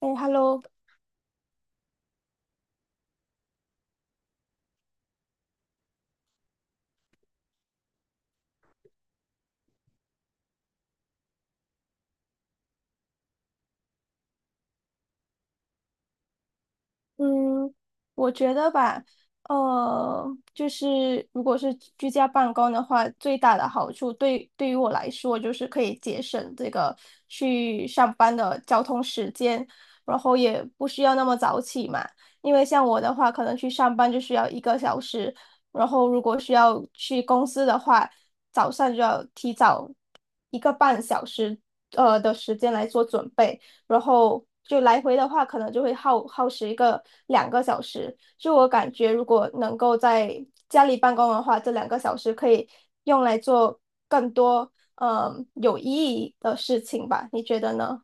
哎，Hello。嗯，我觉得吧，呃，就是如果是居家办公的话，最大的好处对于我来说，就是可以节省这个去上班的交通时间，然后也不需要那么早起嘛。因为像我的话，可能去上班就需要一个小时，然后如果需要去公司的话，早上就要提早一个半小时的时间来做准备。然后就来回的话，可能就会耗时一个两个小时。就我感觉，如果能够在家里办公的话，这两个小时可以用来做更多有意义的事情吧？你觉得呢？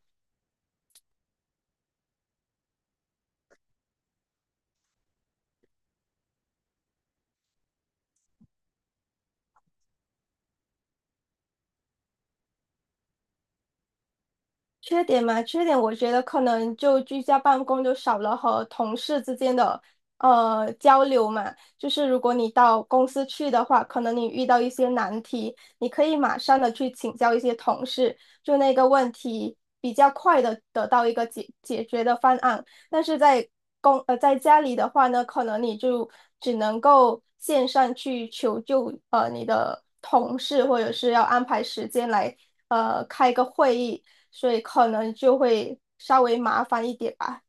缺点嘛，缺点我觉得可能就居家办公就少了和同事之间的交流嘛。就是如果你到公司去的话，可能你遇到一些难题，你可以马上的去请教一些同事，就那个问题比较快的得到一个解决的方案，但是在在家里的话呢，可能你就只能够线上去求救，呃，你的同事或者是要安排时间来开个会议，所以可能就会稍微麻烦一点吧。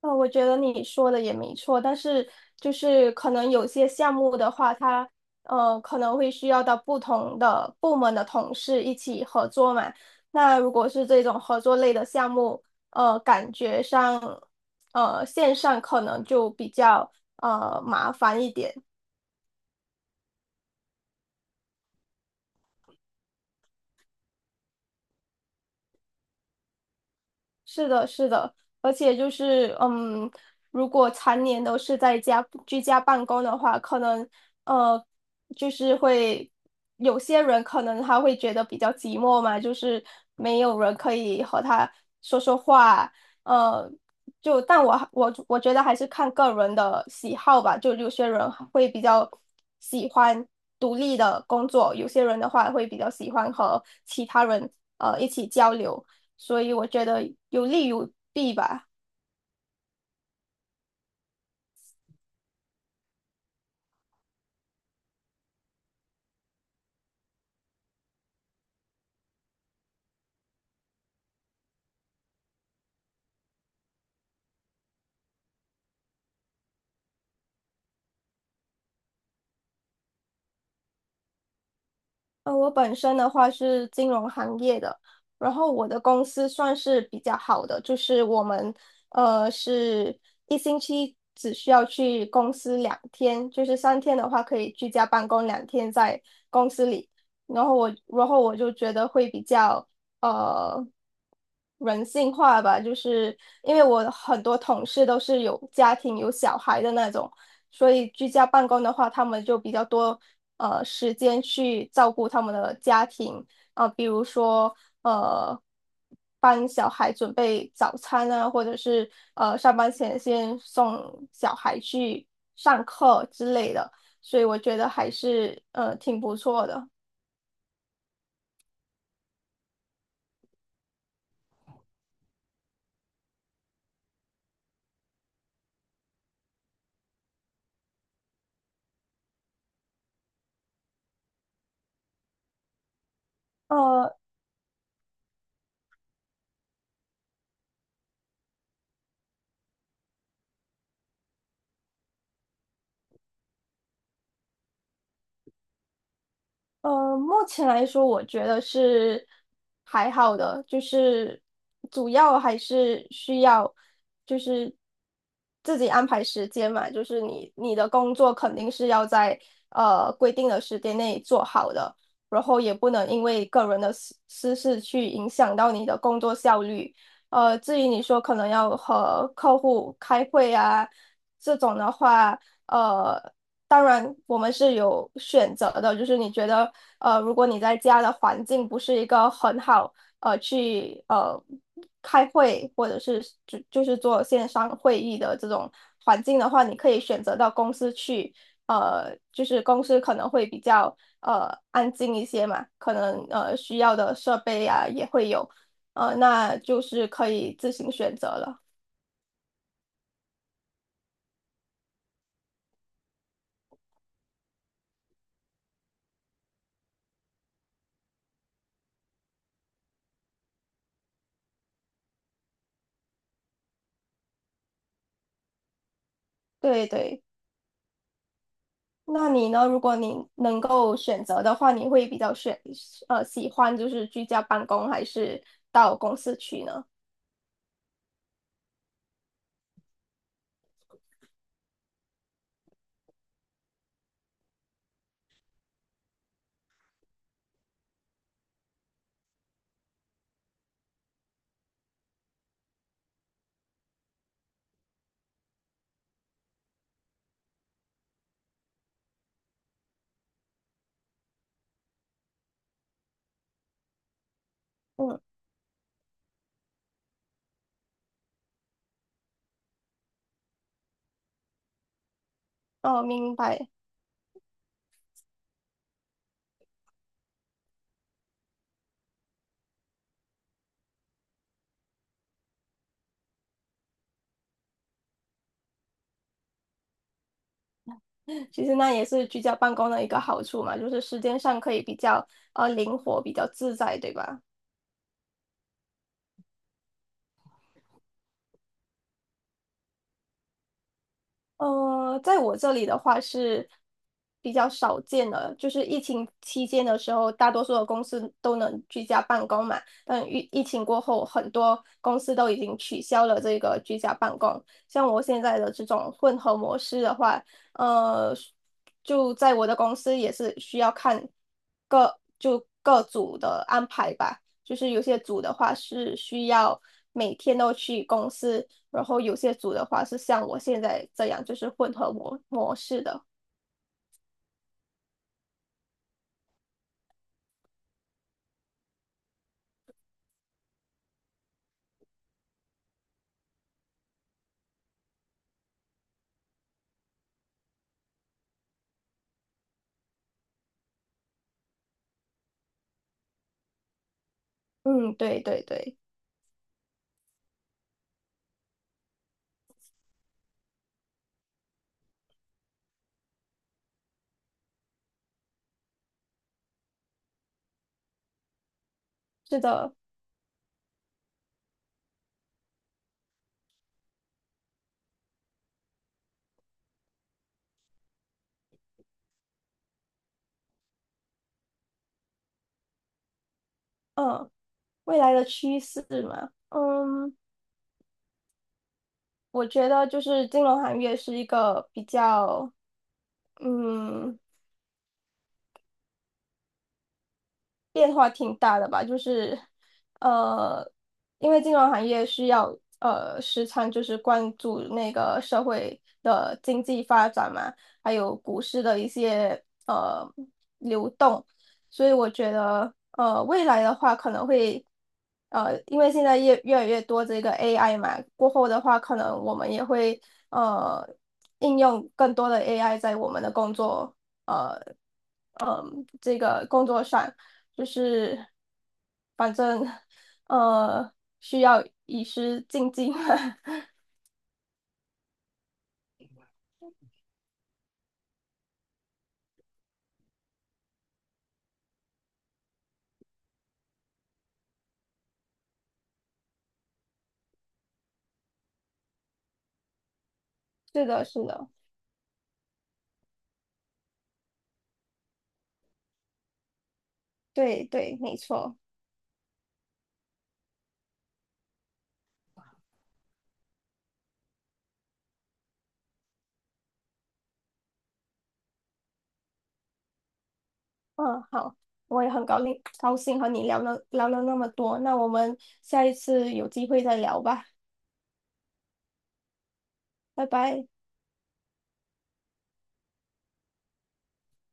我觉得你说的也没错，但是就是可能有些项目的话，它可能会需要到不同的部门的同事一起合作嘛。那如果是这种合作类的项目，呃，感觉上线上可能就比较麻烦一点。是的，是的，而且就是，嗯，如果常年都是在家居家办公的话，可能呃，就是会有些人可能他会觉得比较寂寞嘛，就是没有人可以和他说说话，呃，就但我觉得还是看个人的喜好吧，就有些人会比较喜欢独立的工作，有些人的话会比较喜欢和其他人一起交流。所以我觉得有利有弊吧。我本身的话是金融行业的，然后我的公司算是比较好的，就是我们是一星期只需要去公司两天，就是三天的话可以居家办公，两天在公司里。然后我就觉得会比较呃人性化吧，就是因为我很多同事都是有家庭、有小孩的那种，所以居家办公的话，他们就比较多时间去照顾他们的家庭啊、比如说呃帮小孩准备早餐啊，或者是呃上班前先送小孩去上课之类的，所以我觉得还是挺不错的。呃，目前来说，我觉得是还好的，就是主要还是需要就是自己安排时间嘛，就是你的工作肯定是要在规定的时间内做好的，然后也不能因为个人的私事去影响到你的工作效率。呃，至于你说可能要和客户开会啊这种的话。呃。当然，我们是有选择的，就是你觉得，呃，如果你在家的环境不是一个很好，呃，去开会或者是就是做线上会议的这种环境的话，你可以选择到公司去，呃，就是公司可能会比较安静一些嘛，可能需要的设备啊也会有，呃，那就是可以自行选择了。对对。那你呢？如果你能够选择的话，你会比较选喜欢就是居家办公还是到公司去呢？嗯。哦，明白。其实那也是居家办公的一个好处嘛，就是时间上可以比较灵活，比较自在，对吧？在我这里的话是比较少见的，就是疫情期间的时候，大多数的公司都能居家办公嘛。但疫情过后，很多公司都已经取消了这个居家办公。像我现在的这种混合模式的话，呃，就在我的公司也是需要看各就各组的安排吧。就是有些组的话是需要每天都去公司。然后有些组的话是像我现在这样，就是混合模式的。嗯，对对对，是的。嗯，未来的趋势嘛，嗯，我觉得就是金融行业是一个比较，嗯，变化挺大的吧，就是呃，因为金融行业需要时常就是关注那个社会的经济发展嘛，还有股市的一些流动，所以我觉得未来的话可能会因为现在越来越多这个 AI 嘛，过后的话可能我们也会呃应用更多的 AI 在我们的工作呃。嗯，这个工作上，就是反正呃需要以时进。是的，是的，对对，没错。嗯，好，我也很高兴和你聊了那么多，那我们下一次有机会再聊吧，拜拜。